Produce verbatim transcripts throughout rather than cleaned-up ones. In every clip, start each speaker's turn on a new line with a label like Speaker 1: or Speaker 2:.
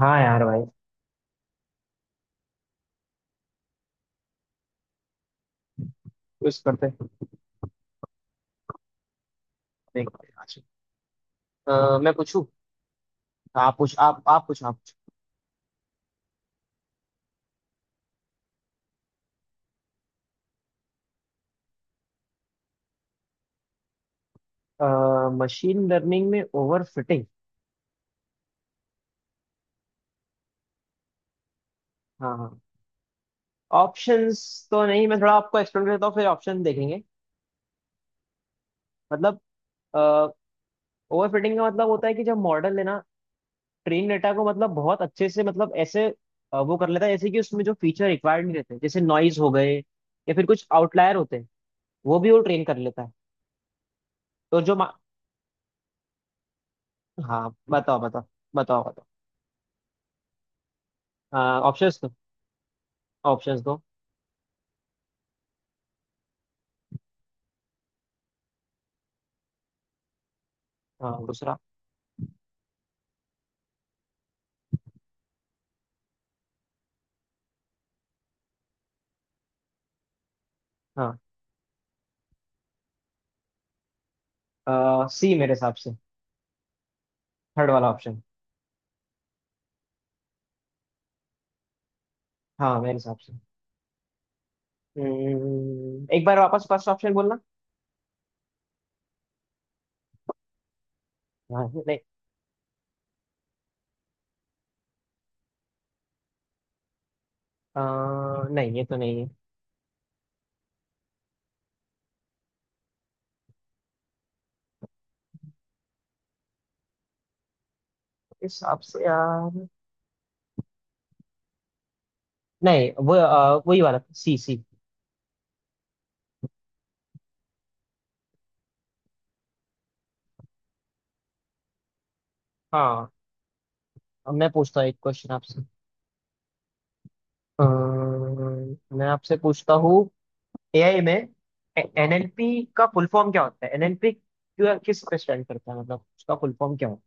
Speaker 1: हाँ यार भाई, कुछ करते हैं। देखते हैं आज। अ, मैं पूछूं। आप पूछ आप आप पूछ आप पूछ मशीन लर्निंग में ओवर फिटिंग। हाँ हाँ, ऑप्शंस तो नहीं, मैं थोड़ा आपको एक्सप्लेन करता हूँ फिर ऑप्शन देखेंगे। मतलब ओवर फिटिंग का मतलब होता है कि जब मॉडल है ना, ट्रेन डेटा को मतलब बहुत अच्छे से, मतलब ऐसे अ, वो कर लेता है, जैसे कि उसमें जो फीचर रिक्वायर्ड नहीं रहते, जैसे नॉइज हो गए या फिर कुछ आउटलायर होते हैं, वो भी वो ट्रेन कर लेता है। तो जो मा- हाँ बताओ बताओ, बताओ बताओ। ऑप्शंस दो, ऑप्शंस दो। हाँ, दूसरा। हाँ, सी मेरे हिसाब से, थर्ड वाला ऑप्शन। हाँ मेरे हिसाब से। हम्म, एक बार वापस फर्स्ट ऑप्शन बोलना। हाँ नहीं, अ, नहीं ये तो नहीं है। इस हिसाब से यार, नहीं वो अ, वही वाला, सी सी। हाँ। अब मैं पूछता हूँ एक क्वेश्चन आपसे। अ, मैं आपसे पूछता हूँ। एआई में एनएलपी का फुल फॉर्म क्या होता है? एनएलपी किस पे स्टैंड करता है, मतलब उसका फुल फॉर्म क्या होता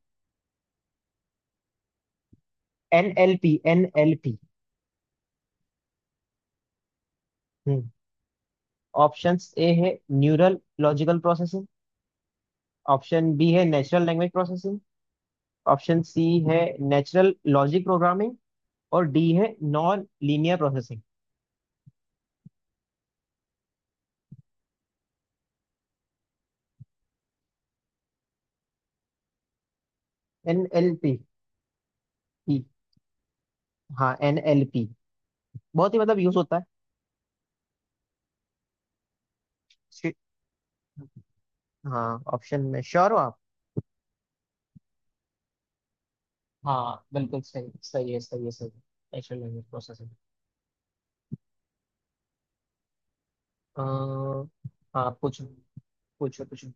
Speaker 1: है? NLP NLP. ऑप्शन ए है neural logical processing, option B है natural language processing, option C है नेचुरल लॉजिक प्रोग्रामिंग, और डी है non linear processing. N L P. हाँ एन एल पी बहुत ही, मतलब, यूज होता है। इसके- हाँ, ऑप्शन में श्योर हो आप? हाँ बिल्कुल, सही सही है, सही है, सही है। Natural language processing. हाँ पूछो पूछो पूछो।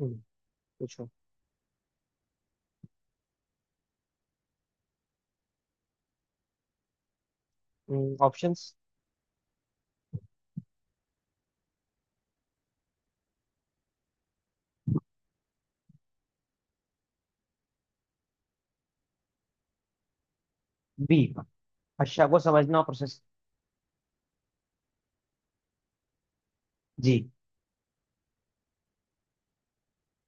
Speaker 1: हम्म, पूछो। ऑप्शन बी, भाषा को समझना और प्रोसेस। जी,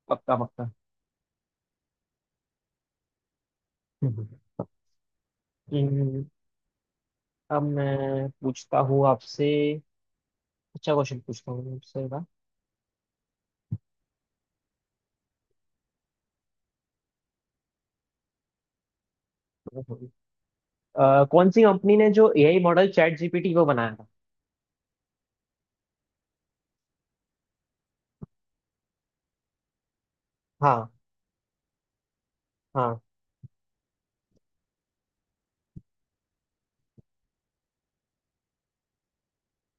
Speaker 1: पक्का पक्का। हम्म। इन- अब मैं पूछता हूँ आपसे, अच्छा क्वेश्चन पूछता हूँ आपसे ना। अ, कौन सी कंपनी ने जो एआई मॉडल चैट जीपीटी को बनाया था? हाँ हाँ,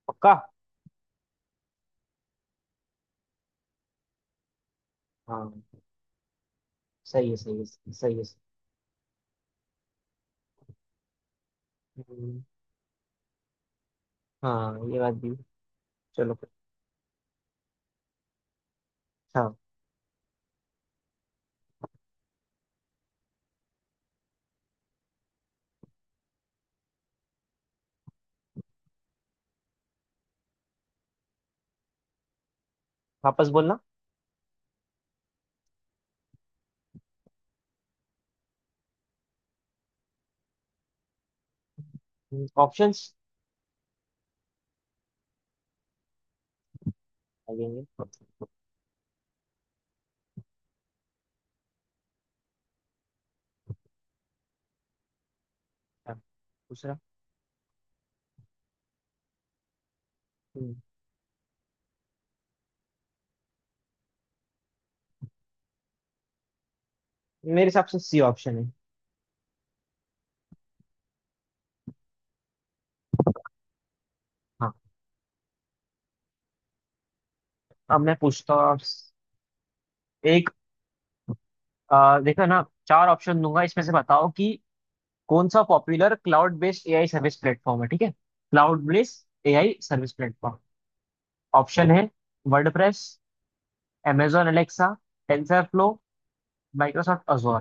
Speaker 1: पक्का। हाँ सही है, सही है, सही है, सही है। हम्म, हाँ ये बात भी। चलो फिर। हाँ, वापस बोलना। ऑप्शंस लगेंगे। हाँ, दूसरा। हम्म, मेरे हिसाब से सी ऑप्शन है। हाँ, अब मैं पूछता हूँ आप- एक। अ, देखो ना, चार ऑप्शन दूंगा, इसमें से बताओ कि कौन सा popular cloud based AI service platform है। ठीक है, cloud based AI service platform. Option है WordPress, amazon Alexa, TensorFlow, Microsoft Azure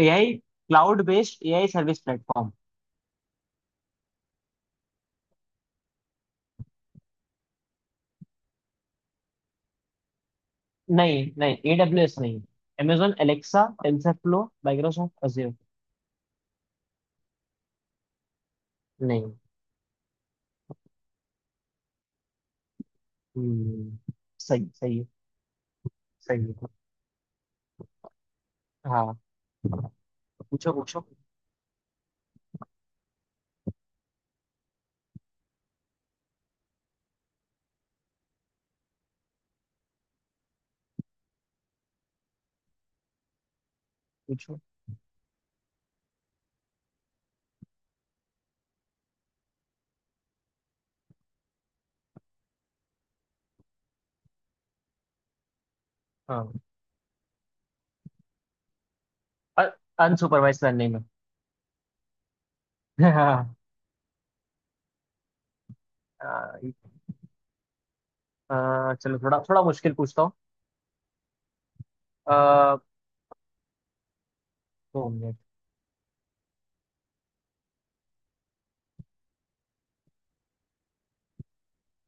Speaker 1: AI. Cloud based AI service platform. नहीं नहीं, एडब्ल्यूएस नहीं। amazon Alexa, TensorFlow, Microsoft Azure. नहीं। हम्म, सही, सही है, सही है। हाँ पूछो पूछो पूछो। हाँ, अनसुपरवाइज लर्निंग में। हाँ। अ, चलो थोड़ा थोड़ा मुश्किल पूछता हूँ। अ, दो मिनट।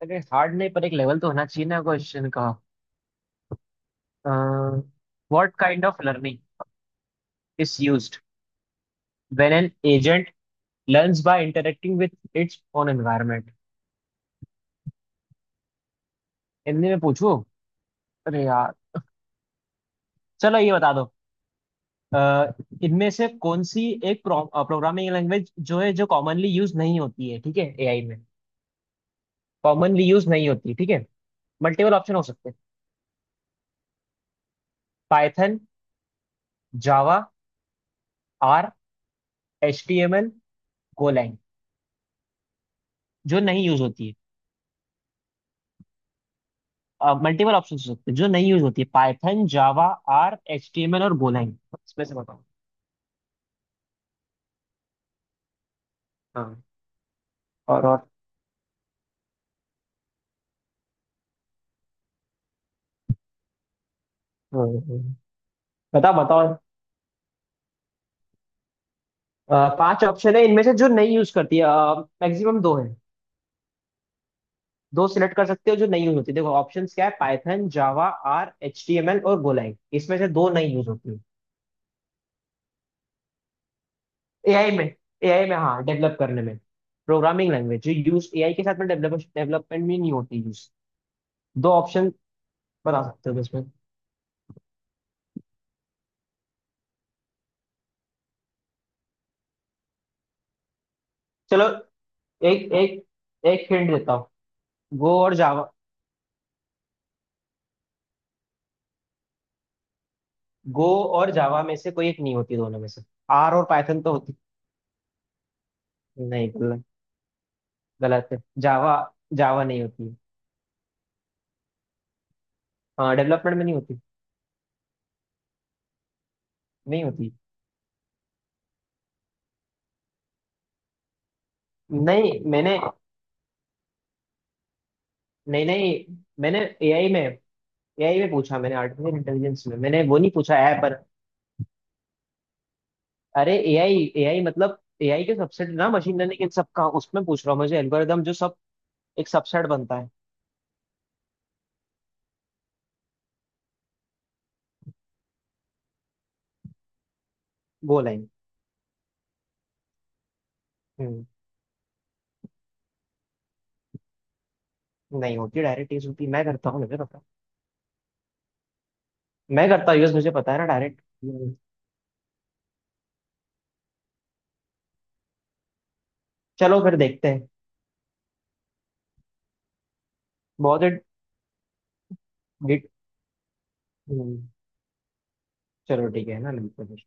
Speaker 1: अरे हार्ड नहीं, पर एक लेवल तो होना चाहिए ना क्वेश्चन का। What kind of learning is used when an agent learns by interacting with its own environment. Hindi में पूछो। अरे यार, चलो ये बता दो। अ, इनमें से कौन सी एक प्रोग्रामिंग लैंग्वेज जो है, जो कॉमनली यूज नहीं होती है? ठीक है, एआई में कॉमनली यूज नहीं होती। ठीक है, मल्टीपल ऑप्शन हो सकते हैं। Python, Java, R, H T M L, Golang. जो नहीं यूज होती है। मल्टीपल ऑप्शन हो सकते हैं, जो नहीं यूज होती है। Python, Java, R, H T M L और गोlang, इसमें से बताओ। हाँ, और और। हम्म, हम्म। बताओ बताओ। अ, पांच ऑप्शन है, इनमें से जो नहीं यूज करती है, मैक्सिमम दो है। दो सिलेक्ट कर सकते हो, जो नहीं यूज होती। देखो ऑप्शंस क्या है, Python, Java, R, H T M L और गोलैंग। इसमें से दो नहीं यूज होती है। एआई में। एआई में, हाँ, डेवलप करने में। प्रोग्रामिंग लैंग्वेज जो यूज एआई के साथ में डेवलप डेवलपमेंट में नहीं होती यूज। दो ऑप्शन बता सकते हो इसमें? चलो, एक एक, एक हिंट देता। गो और जावा। गो और जावा में से कोई एक नहीं होती, दोनों में से। आर और पाइथन तो होती। नहीं गलत, गलत है जावा, जावा नहीं होती। हाँ, डेवलपमेंट में नहीं होती, नहीं होती। नहीं मैंने, नहीं नहीं, मैंने एआई में, एआई में पूछा मैंने, आर्टिफिशियल इंटेलिजेंस में मैंने, वो नहीं पूछा ऐप पर। अरे एआई एआई मतलब एआई के सबसेट ना, मशीन लर्निंग इन सब का उसमें पूछ रहा हूँ, मुझे एल्गोरिदम जो सब एक सबसेट बनता है। वो लाइन। हम्म नहीं होती डायरेक्ट, यूज होती, मैं करता हूँ, मुझे पता है। मैं करता हूँ यूज, मुझे पता है ना डायरेक्ट। चलो फिर देखते हैं। बहुत ही डिट- हम्म, चलो ठीक है ना, मिलते हैं फिर।